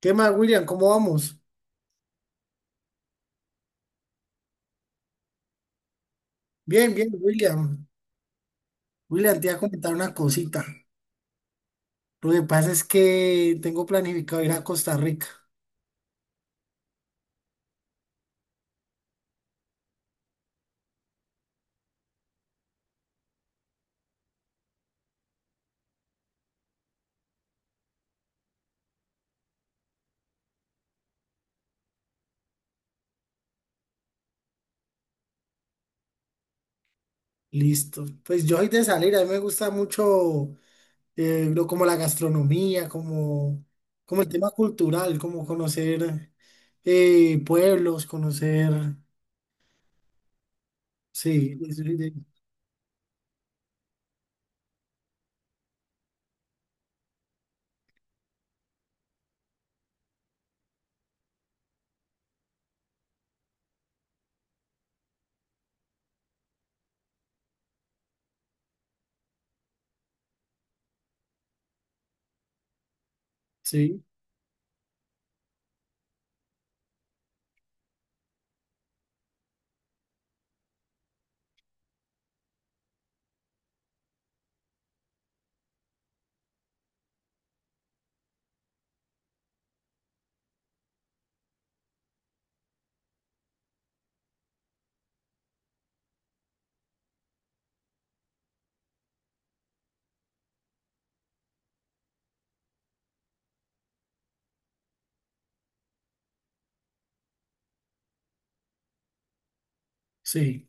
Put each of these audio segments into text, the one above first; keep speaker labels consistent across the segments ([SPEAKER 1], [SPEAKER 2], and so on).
[SPEAKER 1] ¿Qué más, William? ¿Cómo vamos? Bien, bien, William. William, te iba a comentar una cosita. Lo que pasa es que tengo planificado ir a Costa Rica. Listo. Pues yo soy de salir, a mí me gusta mucho lo, como la gastronomía, como, como el tema cultural, como conocer pueblos, conocer... Sí, es- es- sí, sí,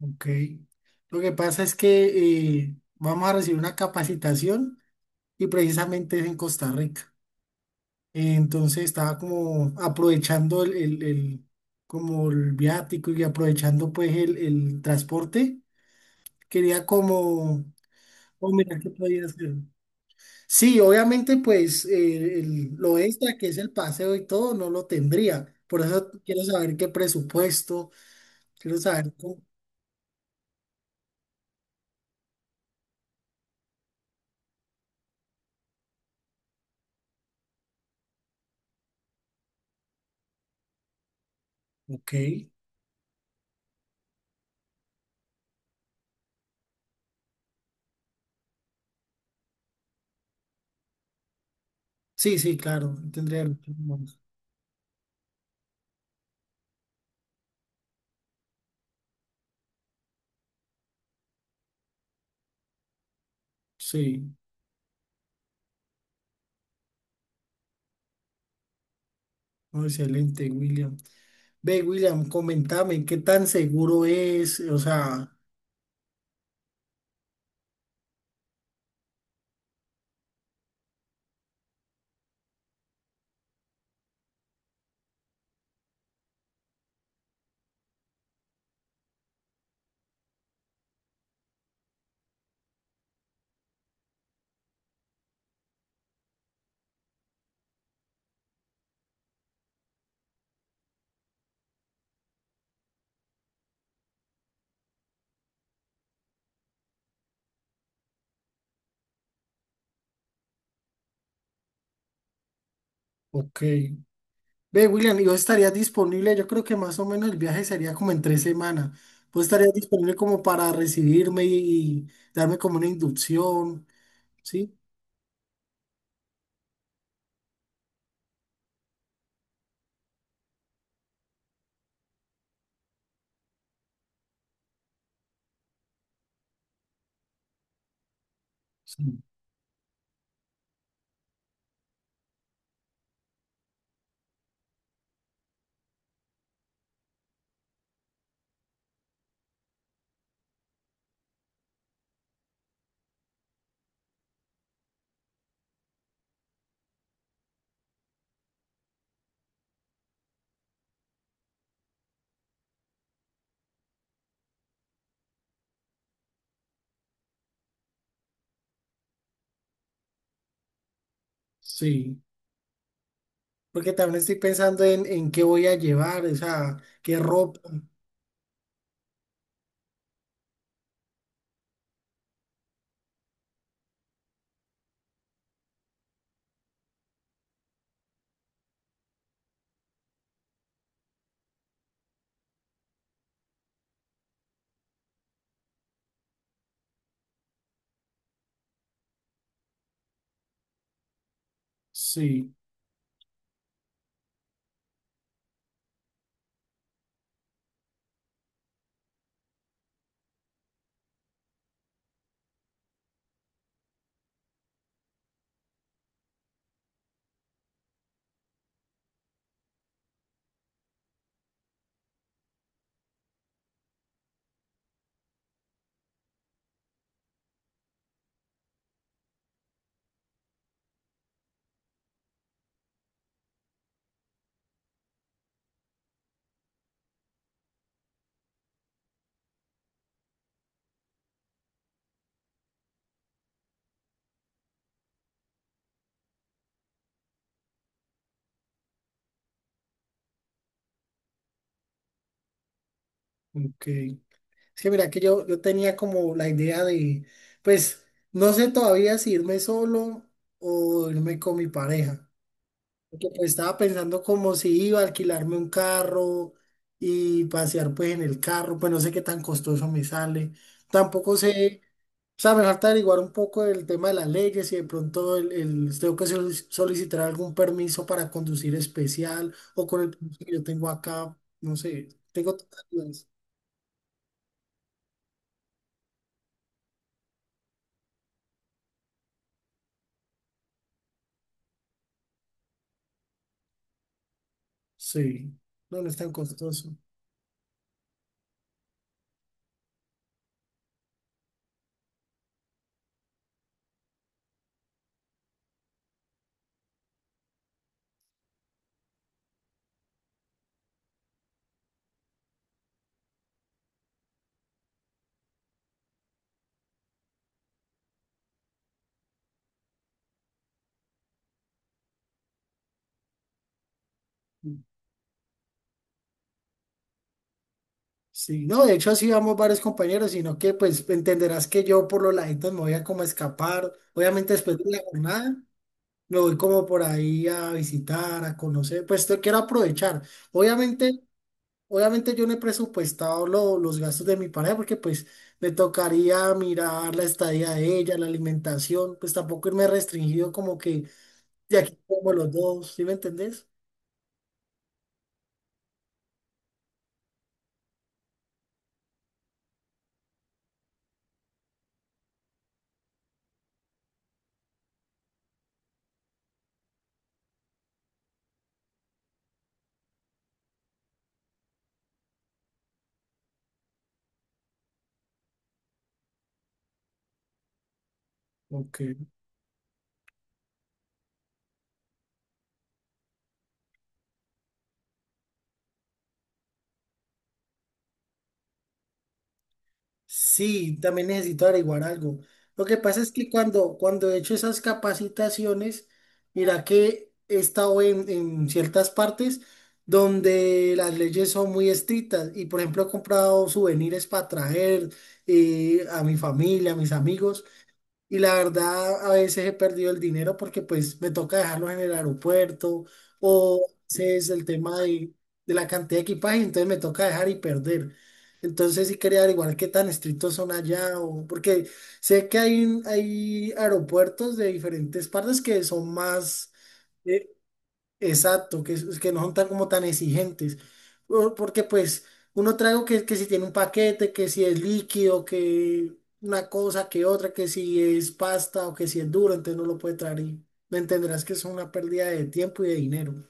[SPEAKER 1] ok. Lo que pasa es que vamos a recibir una capacitación y precisamente es en Costa Rica. Entonces estaba como aprovechando como el viático y aprovechando pues el transporte. Quería como, oh, mira, ¿qué podía hacer? Sí, obviamente pues lo extra que es el paseo y todo no lo tendría. Por eso quiero saber qué presupuesto, quiero saber cómo. Ok. Sí, sí, claro, tendría. Sí, oh, excelente, William. Ve, William, comentame qué tan seguro es, o sea, ok. Ve, William, ¿y vos estarías disponible? Yo creo que más o menos el viaje sería como en 3 semanas. ¿Vos estarías disponible como para recibirme y darme como una inducción? ¿Sí? Sí. Sí. Porque también estoy pensando en qué voy a llevar, o sea, qué ropa. Sí, ok. Es que mira que yo tenía como la idea de, pues, no sé todavía si irme solo o irme con mi pareja. Porque pues estaba pensando como si iba a alquilarme un carro y pasear pues en el carro, pues no sé qué tan costoso me sale. Tampoco sé, o sea, me falta averiguar un poco el tema de las leyes y de pronto tengo que solicitar algún permiso para conducir especial o con el permiso que yo tengo acá, no sé, tengo tantas dudas. Sí, no, no es tan costoso. Sí, no, de hecho así vamos varios compañeros, sino que pues entenderás que yo por los laditos me voy a como escapar. Obviamente después de la jornada me voy como por ahí a visitar, a conocer, pues te quiero aprovechar. Obviamente, obviamente yo no he presupuestado los gastos de mi pareja, porque pues me tocaría mirar la estadía de ella, la alimentación, pues tampoco irme restringido como que de aquí como los dos, ¿sí me entendés? Ok. Sí, también necesito averiguar algo. Lo que pasa es que cuando he hecho esas capacitaciones, mira que he estado en ciertas partes donde las leyes son muy estrictas y por ejemplo he comprado souvenirs para traer a mi familia, a mis amigos. Y la verdad, a veces he perdido el dinero porque pues me toca dejarlos en el aeropuerto o es el tema de la cantidad de equipaje, entonces me toca dejar y perder. Entonces sí quería averiguar qué tan estrictos son allá, o, porque sé que hay, hay aeropuertos de diferentes partes que son más, eh, exacto, que no son tan como tan exigentes. Porque pues uno trae algo que si tiene un paquete, que si es líquido, que una cosa, que otra, que si es pasta o que si es duro, entonces no lo puede traer y me entenderás que es una pérdida de tiempo y de dinero.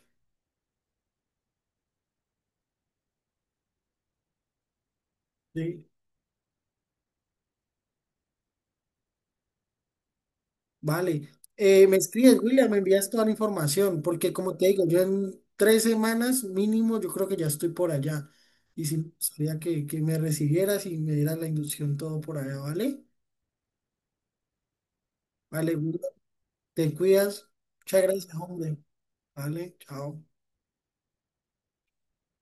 [SPEAKER 1] Sí. Vale. Me escribes, William, me envías toda la información, porque como te digo, yo en 3 semanas mínimo yo creo que ya estoy por allá. Y si me que me recibieras y me dieras la inducción todo por allá, ¿vale? Vale, te cuidas. Muchas gracias, hombre. Vale, chao.